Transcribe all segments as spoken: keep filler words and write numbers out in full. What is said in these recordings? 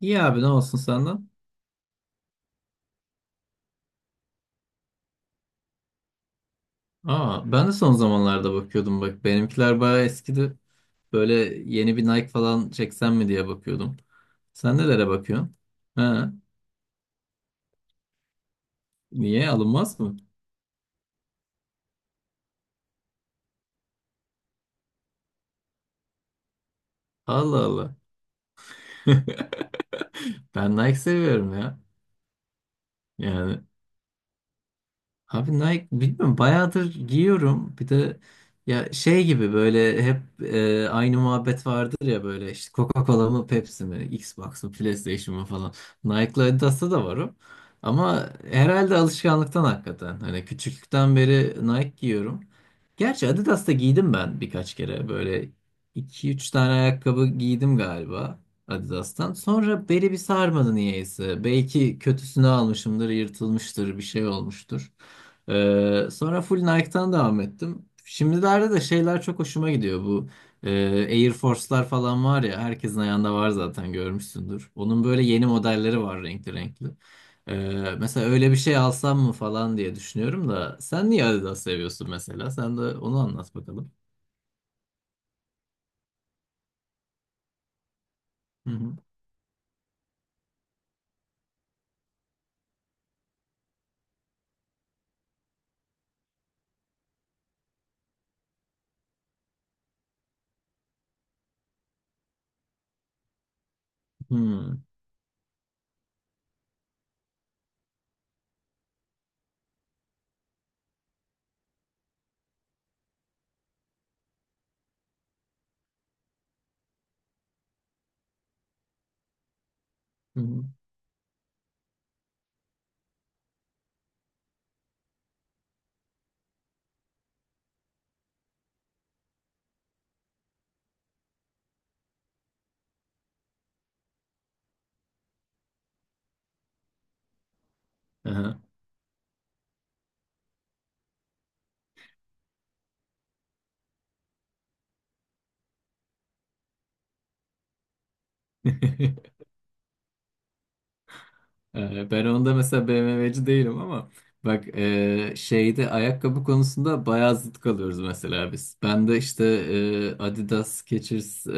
İyi abi ne olsun senden? Aa, ben de son zamanlarda bakıyordum bak. Benimkiler bayağı eskidi. Böyle yeni bir Nike falan çeksem mi diye bakıyordum. Sen nelere bakıyorsun? Ha, niye alınmaz mı? Allah Allah. Ben Nike seviyorum ya. Yani abi Nike bilmiyorum bayağıdır giyiyorum. Bir de ya şey gibi böyle hep e, aynı muhabbet vardır ya böyle işte Coca-Cola mı Pepsi mi Xbox mı PlayStation mı falan. Nike'la Adidas'ta da var o. Ama herhalde alışkanlıktan hakikaten. Hani küçüklükten beri Nike giyiyorum. Gerçi Adidas'ta giydim ben birkaç kere. Böyle iki üç tane ayakkabı giydim galiba Adidas'tan. Sonra beli bir sarmadı niyeyse. Belki kötüsünü almışımdır, yırtılmıştır, bir şey olmuştur. Ee, sonra full Nike'tan devam ettim. Şimdilerde de şeyler çok hoşuma gidiyor. Bu e, Air Force'lar falan var ya herkesin ayağında var zaten görmüşsündür. Onun böyle yeni modelleri var renkli renkli. Ee, mesela öyle bir şey alsam mı falan diye düşünüyorum da sen niye Adidas seviyorsun mesela? Sen de onu anlat bakalım. Hı hı. Hı hı. Hı hı. Aha. Ee, Ben onda mesela B M W'ci değilim ama bak e, şeyde ayakkabı konusunda bayağı zıt kalıyoruz mesela biz. Ben de işte e, Adidas, Skechers, e,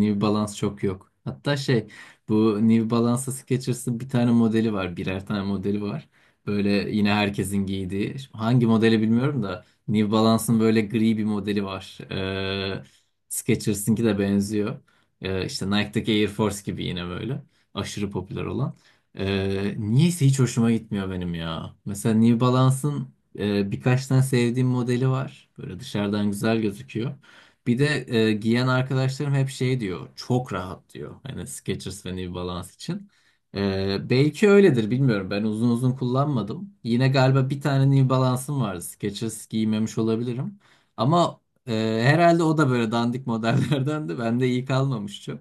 New Balance çok yok. Hatta şey bu New Balance'ı Skechers'ın bir tane modeli var. Birer tane modeli var. Böyle yine herkesin giydiği. Şimdi hangi modeli bilmiyorum da New Balance'ın böyle gri bir modeli var. E, Skechers'ınki de benziyor. E, işte Nike'daki Air Force gibi yine böyle. Aşırı popüler olan. Ee, niyeyse hiç hoşuma gitmiyor benim ya. Mesela New Balance'ın e, birkaç tane sevdiğim modeli var. Böyle dışarıdan güzel gözüküyor. Bir de e, giyen arkadaşlarım hep şey diyor. Çok rahat diyor. Hani Skechers ve New Balance için. Ee, belki öyledir bilmiyorum. Ben uzun uzun kullanmadım. Yine galiba bir tane New Balance'ım vardı. Skechers giymemiş olabilirim. Ama e, herhalde o da böyle dandik modellerdendi. Bende iyi kalmamış çok.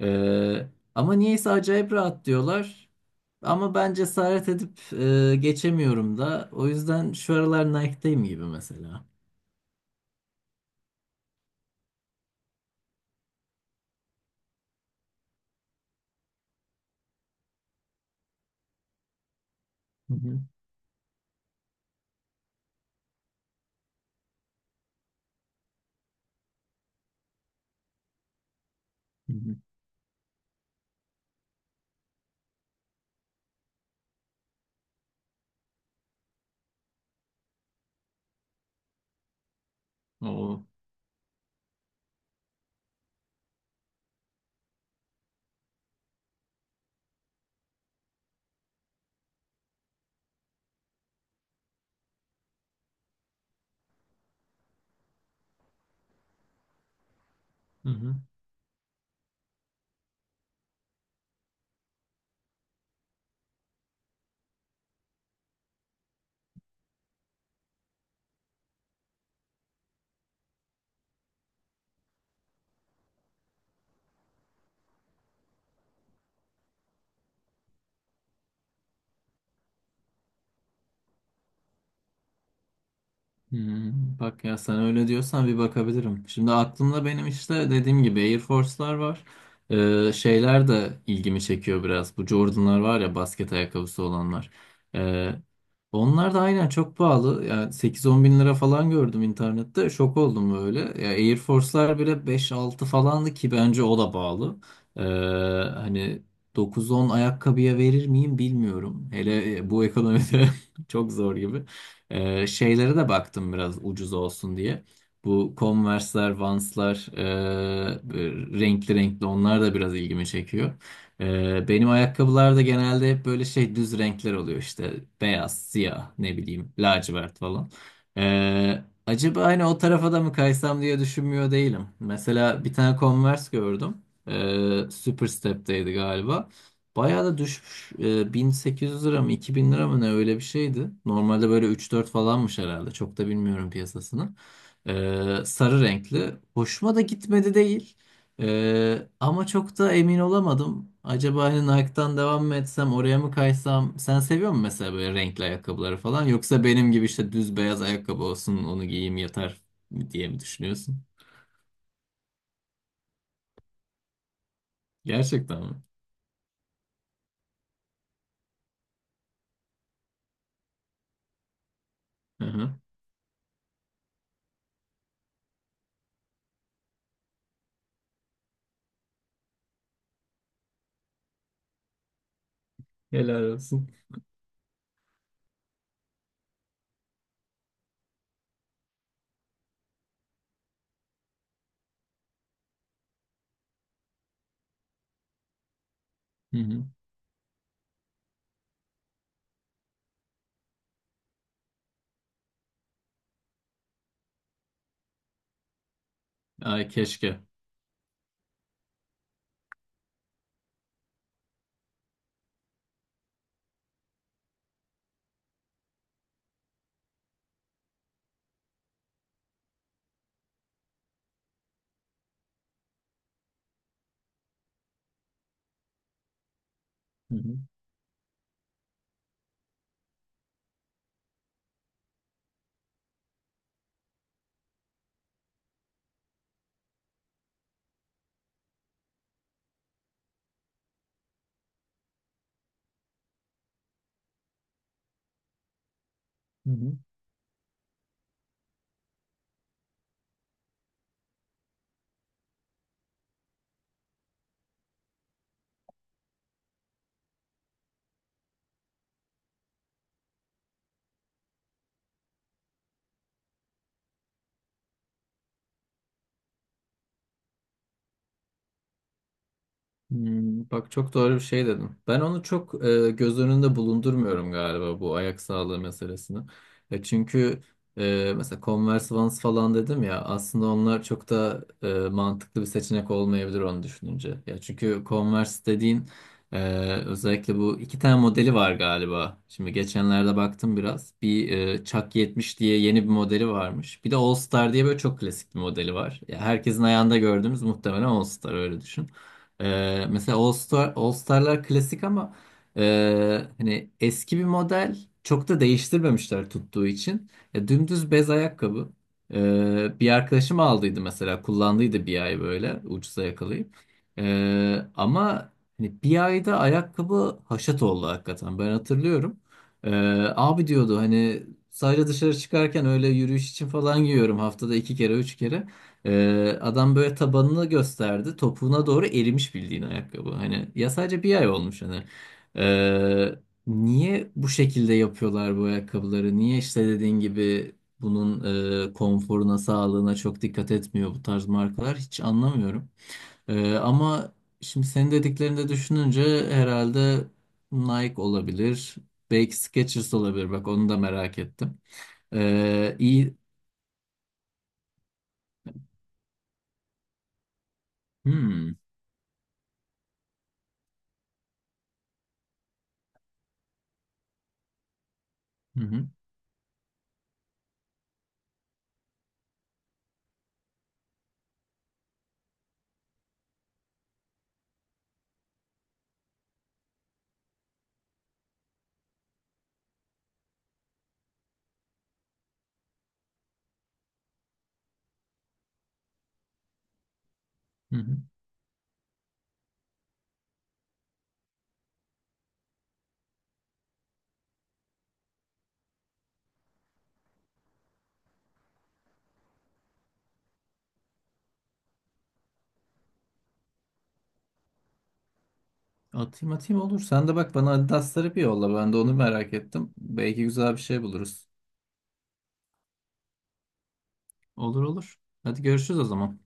Ee, ama niyeyse acayip rahat diyorlar. Ama ben cesaret edip e, geçemiyorum da. O yüzden şu aralar Nike'dayım gibi mesela. Hı hı, hı hı. Oo. Hı hı. hı Bak ya sen öyle diyorsan bir bakabilirim. Şimdi aklımda benim işte dediğim gibi Air Force'lar var. E, şeyler de ilgimi çekiyor biraz. Bu Jordan'lar var ya basket ayakkabısı olanlar. Onlar da aynen çok pahalı. Yani sekiz on bin lira falan gördüm internette. Şok oldum böyle. Ya Air Force'lar bile beş altı falandı ki bence o da pahalı. Ee, hani dokuz on ayakkabıya verir miyim bilmiyorum. Hele e, bu ekonomide çok zor gibi. Ee, şeylere de baktım biraz ucuz olsun diye. Bu Converse'ler, Vans'lar, ee, böyle renkli renkli onlar da biraz ilgimi çekiyor. Ee, benim ayakkabılar da genelde hep böyle şey düz renkler oluyor işte beyaz, siyah, ne bileyim lacivert falan. Ee, acaba hani o tarafa da mı kaysam diye düşünmüyor değilim. Mesela bir tane Converse gördüm. Ee, Superstep'teydi galiba. Bayağı da düşmüş. Ee, bin sekiz yüz lira mı iki bin lira mı ne öyle bir şeydi. Normalde böyle üç dört falanmış herhalde. Çok da bilmiyorum piyasasını. Ee, sarı renkli. Hoşuma da gitmedi değil. Ee, ama çok da emin olamadım. Acaba hani Nike'dan devam mı etsem, oraya mı kaysam? Sen seviyor musun mesela böyle renkli ayakkabıları falan? Yoksa benim gibi işte düz beyaz ayakkabı olsun, onu giyeyim yeter diye mi düşünüyorsun? Gerçekten mi? Hı hı. Helal olsun. Hı hı. Ay keşke. Hı hı. Hı hı. Hmm, bak çok doğru bir şey dedim. Ben onu çok e, göz önünde bulundurmuyorum galiba bu ayak sağlığı meselesini. E, çünkü e, mesela Converse Vans falan dedim ya aslında onlar çok da e, mantıklı bir seçenek olmayabilir onu düşününce. Ya çünkü Converse dediğin e, özellikle bu iki tane modeli var galiba. Şimdi geçenlerde baktım biraz. Bir e, Chuck yetmiş diye yeni bir modeli varmış. Bir de All Star diye böyle çok klasik bir modeli var. Ya herkesin ayağında gördüğümüz muhtemelen All Star öyle düşün. Ee, mesela All Star, All Star'lar klasik ama e, hani eski bir model çok da değiştirmemişler tuttuğu için. Ya, dümdüz bez ayakkabı. Ee, bir arkadaşım aldıydı mesela kullandıydı bir ay böyle ucuza yakalayıp. Ee, ama hani bir ayda ayakkabı haşat oldu hakikaten ben hatırlıyorum. Ee, abi diyordu hani sadece dışarı çıkarken öyle yürüyüş için falan giyiyorum haftada iki kere üç kere. Ee, adam böyle tabanını gösterdi. Topuğuna doğru erimiş bildiğin ayakkabı. Hani ya sadece bir ay olmuş hani. Ee, niye bu şekilde yapıyorlar bu ayakkabıları? Niye işte dediğin gibi bunun e, konforuna, sağlığına çok dikkat etmiyor bu tarz markalar? Hiç anlamıyorum. Ee, ama şimdi senin dediklerini de düşününce herhalde Nike olabilir. Belki Skechers olabilir. Bak onu da merak ettim. Ee, iyi. Hmm. Hı hı. Hı hı. Atayım atayım olur. Sen de bak bana Adidas'ları bir yolla. Ben de onu merak ettim. Belki güzel bir şey buluruz. Olur olur. Hadi görüşürüz o zaman.